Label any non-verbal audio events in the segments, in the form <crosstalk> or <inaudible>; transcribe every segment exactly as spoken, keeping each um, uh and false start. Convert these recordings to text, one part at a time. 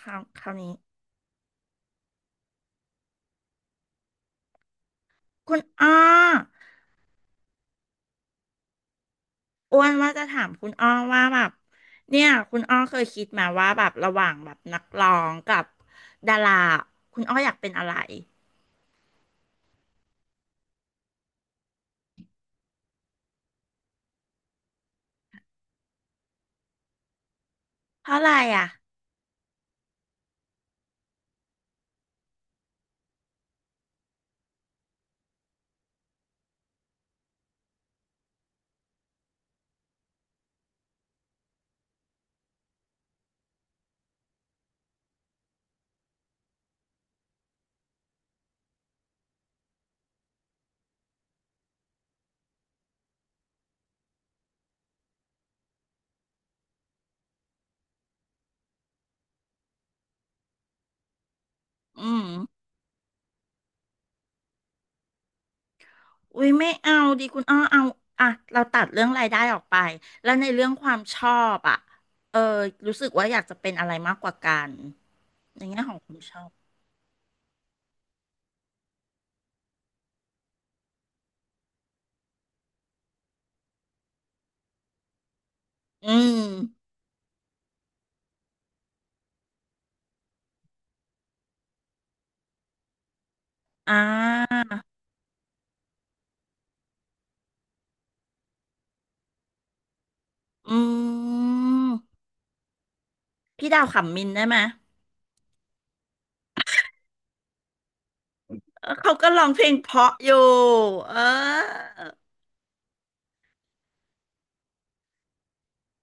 คราวคราวนี้คุณอ้ออ้วนว่าจะถามคุณอ้อว่าแบบเนี่ยคุณอ้อเคยคิดมาว่าแบบระหว่างแบบนักร้องกับดาราคุณอ้ออยากเป็นอะไรเพราะอะไรอ่ะอืมอุ้ยไม่เอาดีคุณอ้อเอาอ่ะเราตัดเรื่องรายได้ออกไปแล้วในเรื่องความชอบอ่ะเออรู้สึกว่าอยากจะเป็นอะไรมากกว่ากันในแง่ของความชอบอืมอ่าอืมพี่ดาวขำมินได้ไหม เออเขาก็ร้องเพลงเพราะอยู่ เออ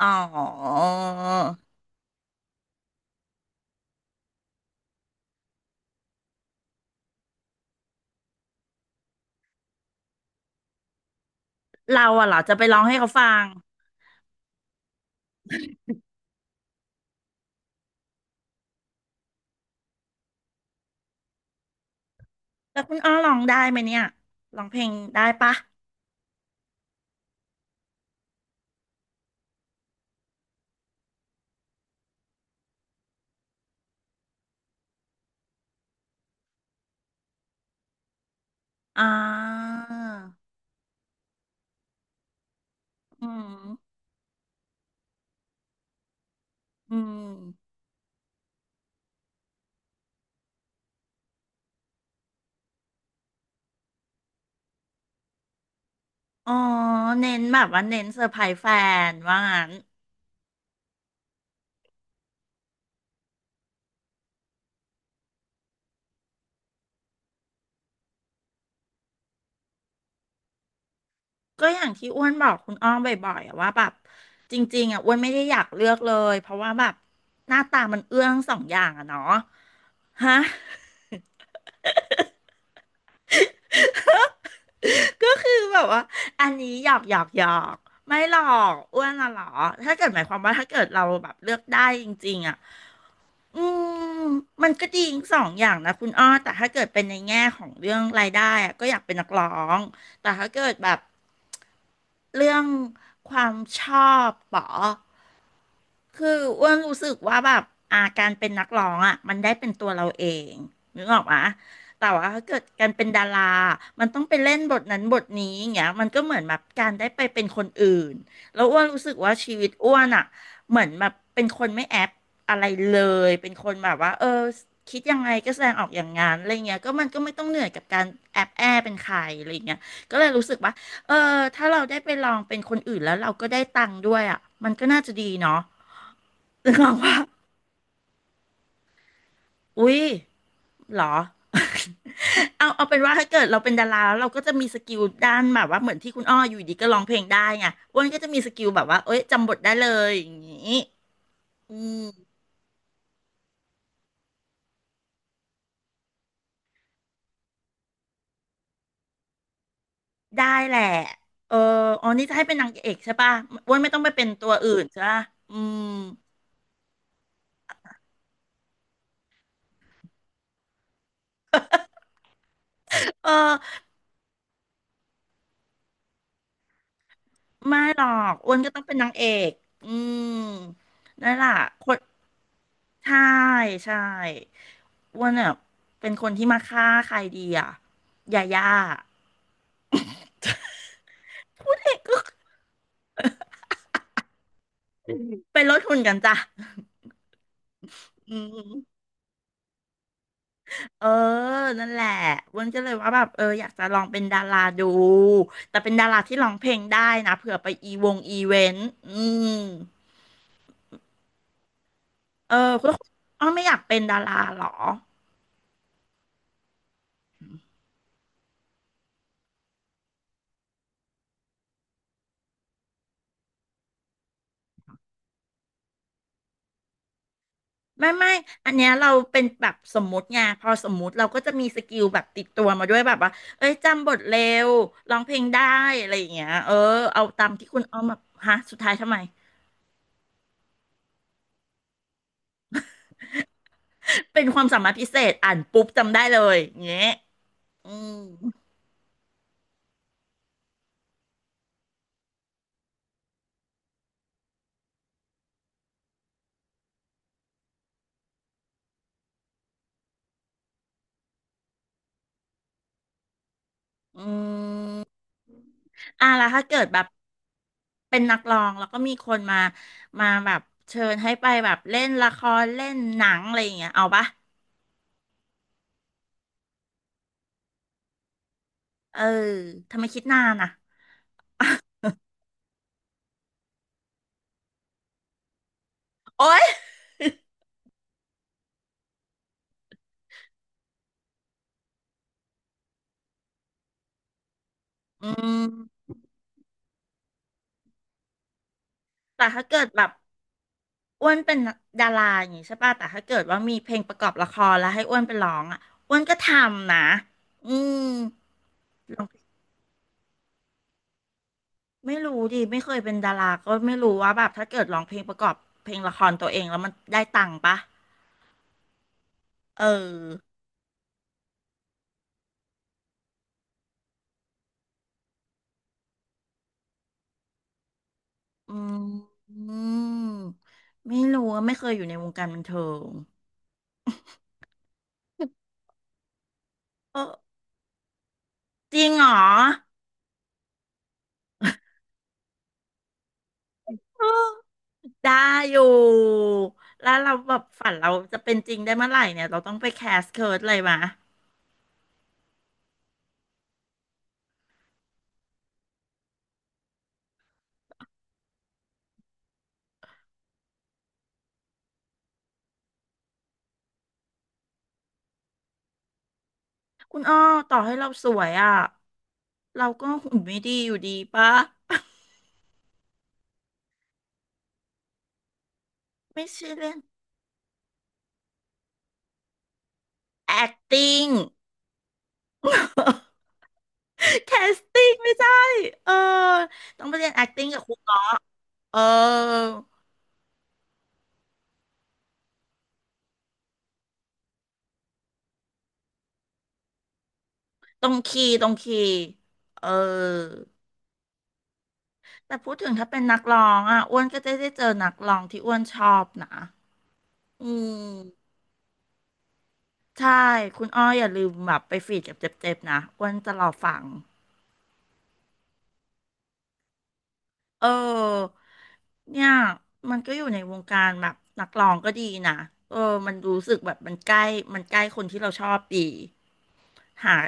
อ๋อเราอะเหรอจะไปร้องให้เขาฟังแล้วคุณอ้อร้องได้ไหมเนี่ยร้องเพลงได้ปะอ่าอืมอืมอ๋อ เน้นแบบว่าเน้นเซอร์ไพรส์แฟนว่างั้นก็อย่างที่อ้วนบอกคุณอ้อมบ่อยๆอะว่าแบบจริงๆอะอ้วนไม่ได้อยากเลือกเลยเพราะว่าแบบหน้าตามันเอื้อทั้งสองอย่างอะเนาะฮะ ก็คือแบบว่าอันนี้หยอกหยอกหยอกไม่หรอกอ้วนอะหรอถ้าเกิดหมายความว่าถ้าเกิดเราแบบเลือกได้จริงๆอ่ะอืมมันก็ดีทั้งสองอย่างนะคุณอ้อแต่ถ้าเกิดเป็นในแง่ของเรื่องรายได้อะก็อยากเป็นนักร้องแต่ถ้าเกิดแบบเรื่องความชอบเหรอ คืออ้วนรู้สึกว่าแบบอาการเป็นนักร้องอ่ะมันได้เป็นตัวเราเองนึกออกปะแต่ว่าถ้าเกิดการเป็นดารามันต้องไปเล่นบทนั้นบทนี้อย่างเงี้ยมันก็เหมือนแบบการได้ไปเป็นคนอื่นแล้วอ้วนรู้สึกว่าชีวิตอ้วนอ่ะเหมือนแบบเป็นคนไม่แอปอะไรเลยเป็นคนแบบว่าเออคิดยังไงก็แสดงออกอย่างงั้นอะไรเงี้ยก็มันก็ไม่ต้องเหนื่อยกับการแอบแอเป็นใครอะไรเงี้ยก็เลยรู้สึกว่าเออถ้าเราได้ไปลองเป็นคนอื่นแล้วเราก็ได้ตังค์ด้วยอ่ะมันก็น่าจะดีเนาะ นึกออกว่าอุ๊ยเหรอ <laughs> เอาเอาเป็นว่าถ้าเกิดเราเป็นดาราแล้วเราก็จะมีสกิลด้านแบบว่าเหมือนที่คุณอ้ออยู่ดีก็ร้องเพลงได้ไงอ้วนก็จะมีสกิลแบบว่าเอ้ยจำบทได้เลยอย่างนี้อืมได้แหละเอออ๋อนี่จะให้เป็นนางเอกใช่ป่ะอ้วนไม่ต้องไปเป็นตัวอื่นใช่ป่ะอืมเออไม่หรอกอ้วนก็ต้องเป็นนางเอกอืมนั่นแหละคน ใช่ใช่อ้วนอ่ะเป็นคนที่มาฆ่าใครดีอ่ะยาย่าพูดเองก็เป็นรถหุ่นกันจ้ะอืมเออนั่นแหละอ้วนก็เลยว่าแบบเอออยากจะลองเป็นดาราดู แต่เป็นดาราที่ร้องเพลงได้นะเผื่อไปอีวงอีเวนต์ อืม เออคุณออไม่อยากเป็นดาราเหรอ ไม่ไม่ อันเนี้ยเราเป็นแบบสมมุติไงพอสมมุติเราก็จะมีสกิลแบบติดตัวมาด้วยแบบว่าเอ้ยจำบทเร็วร้องเพลงได้อะไรอย่างเงี้ยเออเอาตามที่คุณเอาอมาฮะสุดท้ายทำไมเป็นความสามารถพิเศษอ่านปุ๊บจำได้เลยอย่างเงี้ยอืมอืมอ่ะแล้วถ้าเกิดแบบเป็นนักร้องแล้วก็มีคนมามาแบบเชิญให้ไปแบบเล่นละครเล่นหนังอะไรอย่างเงี้ยเอาปะเออทำไมคิดนานอ่ะโอ๊ยอืมแต่ถ้าเกิดแบบ อ้วนเป็นดาราอย่างงี้ใช่ป่ะแต่ถ้าเกิดว่ามีเพลงประกอบละครแล้วให้อ้วนไปร้องอ่ะอ้วนก็ทำนะอืมลองไม่รู้ดิไม่เคยเป็นดาราก็ไม่รู้ว่าแบบถ้าเกิดร้องเพลงประกอบเพลงละครตัวเองแล้วมันได้ตังค์ปะเอออืมอืมไม่รู้อะไม่เคยอยู่ในวงการบันเทิงเออจริงเหรอเออได้อยู่ แล้วเราแบบฝันเราจะเป็นจริงได้เมื่อไหร่เนี่ย เราต้องไปแคสเคิร์ดเลยมะ คุณอ้อต่อให้เราสวยอ่ะเราก็หุ่นไม่ดีอยู่ดีปะ <laughs> ไม่ใช่เล่น acting <laughs> casting ไม่ใช่เออต้องไปเรียน acting กับครูก่อนเออตรงคีย์ตรงคีย์เออแต่พูดถึงถ้าเป็นนักร้องอ่ะอ้วนก็จะได้เจอนักร้องที่อ้วนชอบนะอืมใช่คุณอ้ออย่าลืมแบบไปฟีดกับเจ็บๆนะอ้วนจะรอฟัง เออเนี่ยมันก็อยู่ในวงการแบบนักร้องก็ดีนะเออมันรู้สึกแบบมันใกล้มันใกล้คนที่เราชอบดีหา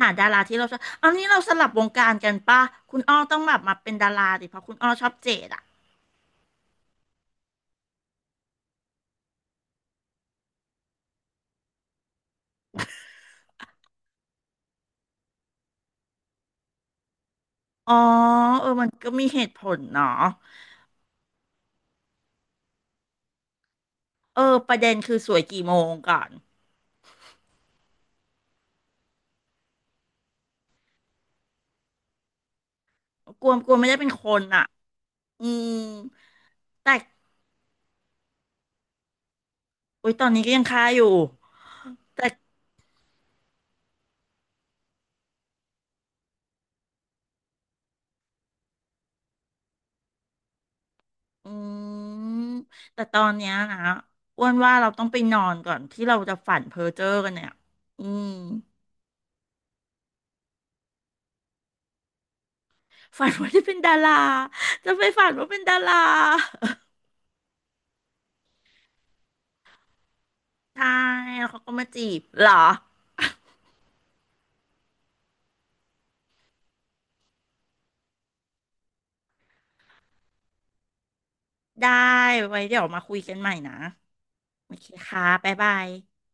หาดาราที่เราชอบเอานี้เราสลับวงการกันป่ะคุณอ้อต้องแบบมาเป็นดาราดิเพราะคุณอ้อชอบเจดอ่ะอ๋อเออมันก็มีเหตุผลเนาะเออประเด็นคือสวยกี่โมงก่อนกลัวกลัวไม่ได้เป็นคนอ่ะอืมแต่โอ๊ยตอนนี้ก็ยังคาอยู่แต่ อืมแต่ตอนเนี้ยนะอ้วนว่าเราต้องไปนอนก่อนที่เราจะฝันเพ้อเจ้อกันเนี่ยอืมฝันว่าจะเป็นดาราจะไปฝันว่าเป็นดาราใช่แล้วเขาก็มาจีบเหรอได้ไว้เดี๋ยวมาคุยกันใหม่นะโอเคค่ะบ๊ายบาย